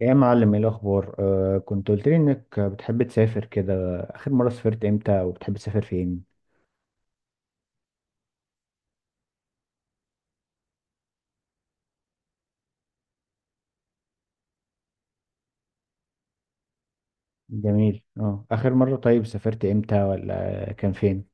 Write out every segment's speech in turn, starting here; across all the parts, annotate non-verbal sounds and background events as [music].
يا معلم، ايه الاخبار؟ كنت قلت لي انك بتحب تسافر كده. اخر مره سافرت امتى؟ وبتحب تسافر فين؟ جميل. اه، اخر مره طيب سافرت امتى، ولا كان فين؟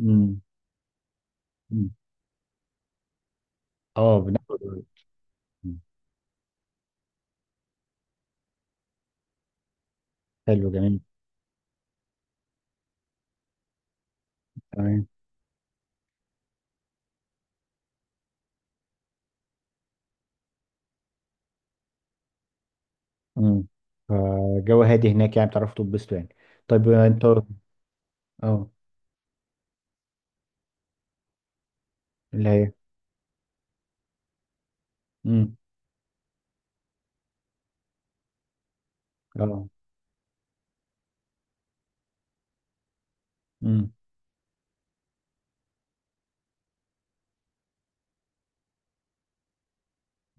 امم. اه، بناخد. مم. حلو، جميل. تمام. امم. فالجو هادي هناك، يعني بتعرفوا تتبسطوا يعني؟ طيب، انت. اه. اللي هي. امم. اه. امم.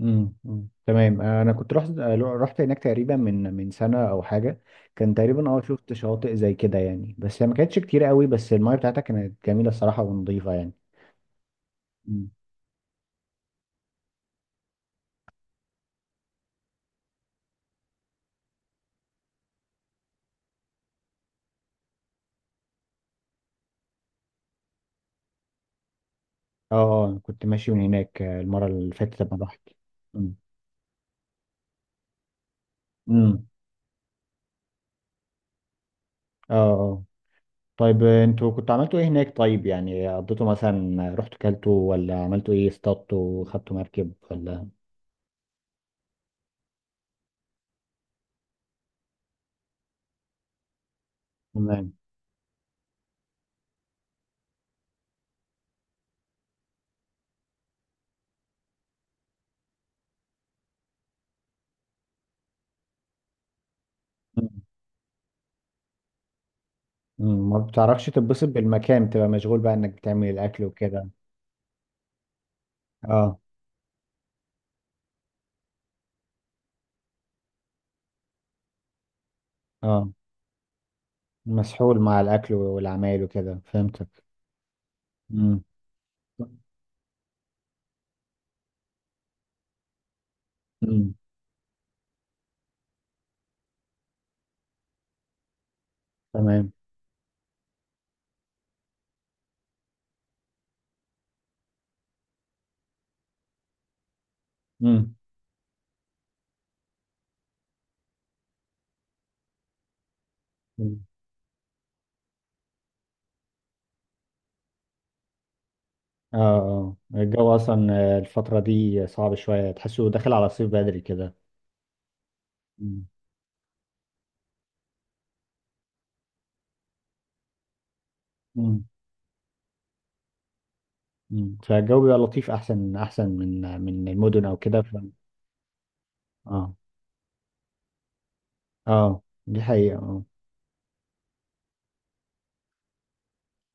امم، أمم. تمام، انا كنت رحت. رحت هناك تقريبا من سنه او حاجه. كان تقريبا شفت شواطئ زي كده يعني، بس هي ما كانتش كتير قوي، بس المايه بتاعتها كانت جميله الصراحه ونظيفه يعني. أمم. اه، اه. أنا كنت ماشي من هناك المره اللي فاتت لما رحت. امم، أمم. اه، اه. طيب، انتوا كنتوا عملتوا ايه هناك؟ طيب، يعني قضيتوا مثلا، رحتوا، كلتوا، ولا عملتوا ايه، اصطادتوا، خدتوا مركب ولا؟ تمام. أمم. أمم. ما بتعرفش تتبسط بالمكان، بتبقى مشغول بقى انك بتعمل الاكل وكده. اه. اه. مسحول مع الاكل والعمايل وكده، فهمتك. امم. امم. تمام. امم. اه، اه، الجو اصلا. الفتره دي صعب شويه، تحسه داخل على الصيف بدري كده. مم. مم. مم. فالجو بيبقى لطيف، احسن، احسن من المدن او كده ف... اه. اه، دي حقيقه، اه.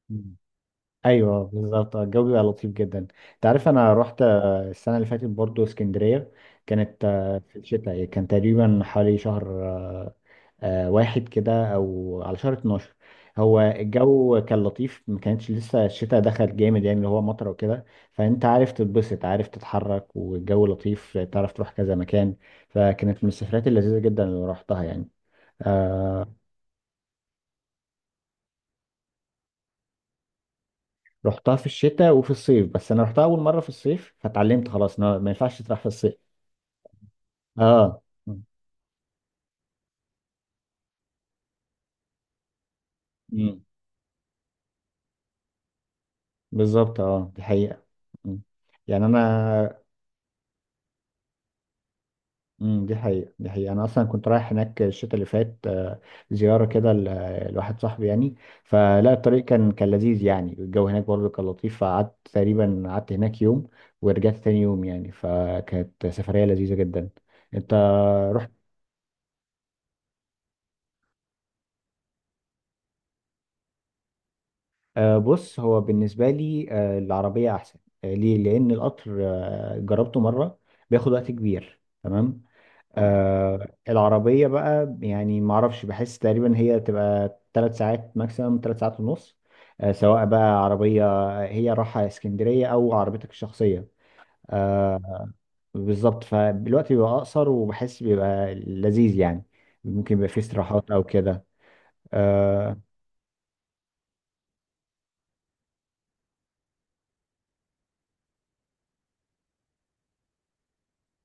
مم. ايوه، بالظبط، الجو بيبقى لطيف جدا. انت عارف انا رحت السنه اللي فاتت برضو اسكندريه. كانت في الشتاء، كان تقريبا حوالي شهر واحد كده، او على شهر 12. هو الجو كان لطيف، ما كانتش لسه الشتاء دخل جامد يعني اللي هو مطر وكده. فانت عارف تتبسط، عارف تتحرك، والجو لطيف، تعرف تروح كذا مكان. فكانت من السفرات اللذيذة جدا اللي رحتها يعني. آه. رحتها في الشتاء وفي الصيف، بس انا رحتها اول مرة في الصيف، فتعلمت خلاص إن هو ما ينفعش تروح في الصيف. اه. مم. بالظبط، اه، دي حقيقة. مم. يعني انا. امم، دي حقيقة، دي حقيقة. أنا أصلا كنت رايح هناك الشتاء اللي فات. زيارة كده لواحد صاحبي يعني. فلا، الطريق كان لذيذ يعني، الجو هناك برضه كان لطيف، فقعدت تقريبا، قعدت هناك يوم، ورجعت تاني يوم يعني، فكانت سفرية لذيذة جدا. أنت. بص، هو بالنسبة لي العربية أحسن. ليه؟ لأن القطر جربته مرة، بياخد وقت كبير. تمام. مم. العربية بقى يعني، معرفش، بحس تقريبا هي تبقى تلات ساعات ماكسيمم، تلات ساعات ونص. سواء بقى عربية، هي رايحة اسكندرية، أو عربيتك الشخصية. آه. بالظبط، فالوقت بيبقى أقصر، وبحس بيبقى لذيذ يعني. ممكن يبقى فيه استراحات أو كده. آه.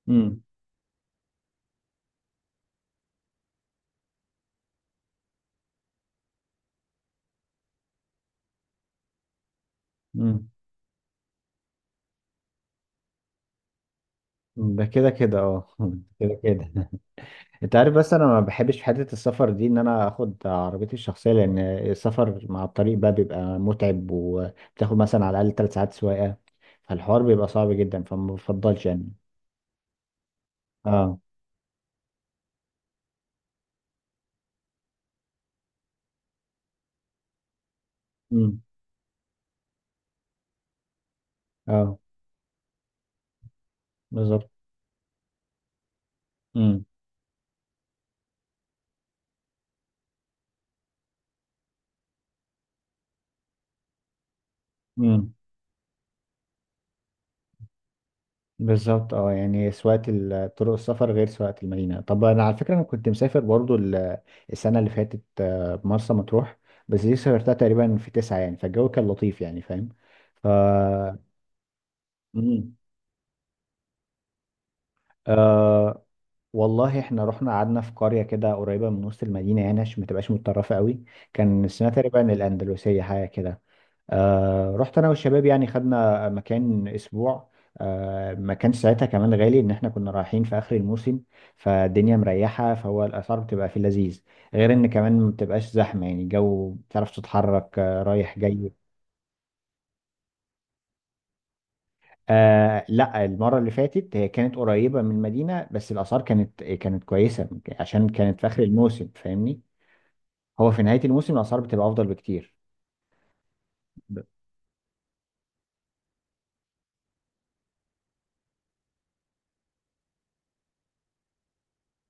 مم. مم. ده كده كده، اه. [laughs] كده كده. انت عارف، بس انا ما بحبش في حته السفر دي ان انا اخد عربيتي الشخصيه، لان السفر مع الطريق بقى بيبقى متعب، وبتاخد مثلا على الاقل ثلاث ساعات سواقه، فالحوار بيبقى صعب جدا، فما بفضلش يعني. اه. امم. اه. بالظبط. امم. بالظبط، اه، يعني سواقة طرق السفر غير سواقة المدينة. طب انا على فكرة، انا كنت مسافر برضو السنة اللي فاتت مرسى مطروح. بس دي سافرتها تقريبا في تسعة يعني، فالجو كان لطيف يعني، فاهم؟ طب. مم. آه، والله احنا رحنا قعدنا في قرية كده قريبة من وسط المدينة يعني، عشان ما تبقاش متطرفة قوي. كان اسمها تقريبا الأندلسية حاجة كده. رحت أنا والشباب يعني، خدنا مكان أسبوع. ما كانش ساعتها كمان غالي، إن احنا كنا رايحين في آخر الموسم، فالدنيا مريحة، فهو الأسعار بتبقى في اللذيذ، غير إن كمان ما بتبقاش زحمة، يعني الجو بتعرف تتحرك رايح جاي. لا، المرة اللي فاتت هي كانت قريبة من المدينة، بس الآثار كانت كويسة، عشان كانت في آخر الموسم، فاهمني؟ هو في نهاية الموسم الأسعار بتبقى أفضل بكتير. ب-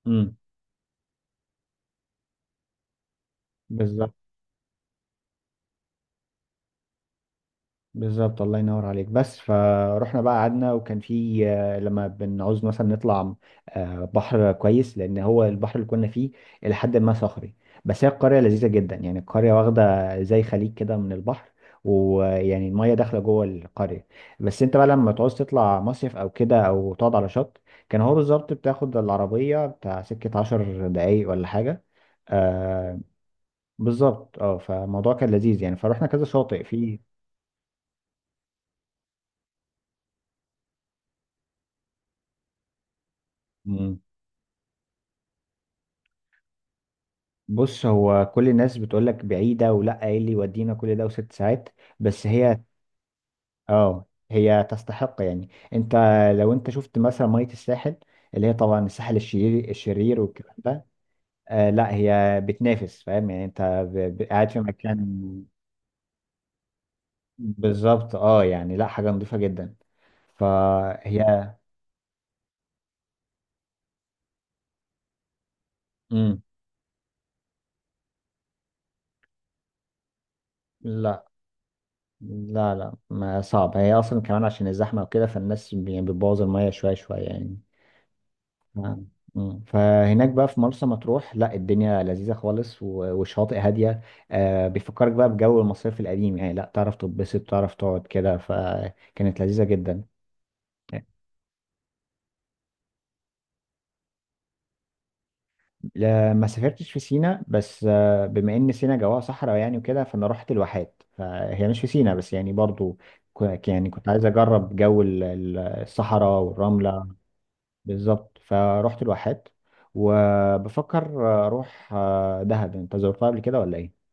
امم. بالظبط، بالظبط، الله ينور عليك. بس فروحنا بقى، قعدنا، وكان في لما بنعوز مثلا نطلع بحر كويس، لأن هو البحر اللي كنا فيه إلى حد ما صخري. بس هي القرية لذيذة جدا يعني، القرية واخدة زي خليج كده من البحر، ويعني المية داخلة جوه القرية. بس أنت بقى لما تعوز تطلع مصيف أو كده، أو تقعد على شط، كان هو بالظبط بتاخد العربية بتاع سكة عشر دقايق ولا حاجة. آه، بالظبط، فالموضوع كان لذيذ يعني، فروحنا كذا شاطئ فيه. مم. بص، هو كل الناس بتقول لك بعيدة، ولا ايه اللي يودينا كل ده وست ساعات، بس هي، اه هي تستحق يعني، انت لو انت شفت مثلا مية الساحل، اللي هي طبعا الساحل الشرير الشرير والكلام ده، لا، هي بتنافس، فاهم يعني، انت قاعد في مكان. بالظبط، اه، يعني لا، حاجة نظيفة جدا، فهي. امم. لا، لا، لا، ما صعب، هي اصلا كمان عشان الزحمه وكده، فالناس يعني بتبوظ الميه شويه شويه يعني. آه. مم. فهناك بقى في مرسى مطروح، لا الدنيا لذيذه خالص والشواطئ هاديه. بيفكرك بقى بجو المصيف القديم يعني، لا تعرف تتبسط، تعرف تقعد كده، فكانت لذيذه جدا. لا، ما سافرتش في سينا، بس بما ان سينا جواها صحراء يعني وكده، فانا رحت الواحات، فهي مش في سينا، بس يعني برضو يعني كنت عايز اجرب جو الصحراء والرمله. بالظبط، فرحت الواحات، وبفكر اروح دهب. انت زرتها قبل كده ولا ايه؟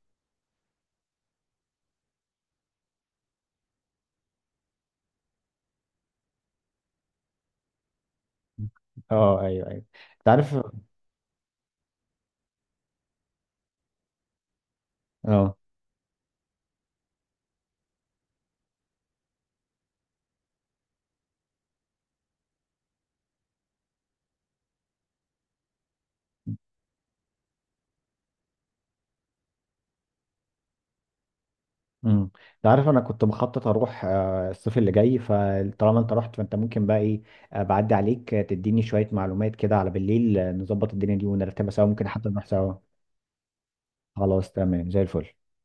اه، ايوه، ايوه. انت عارف. اه. امم. انت عارف انا كنت مخطط اروح الصيف اللي جاي، فطالما انت رحت، فانت ممكن بقى ايه، بعدي عليك، تديني شويه معلومات كده على بالليل، نظبط الدنيا دي ونرتبها سوا، ممكن حتى نروح سوا. خلاص، تمام، زي الفل.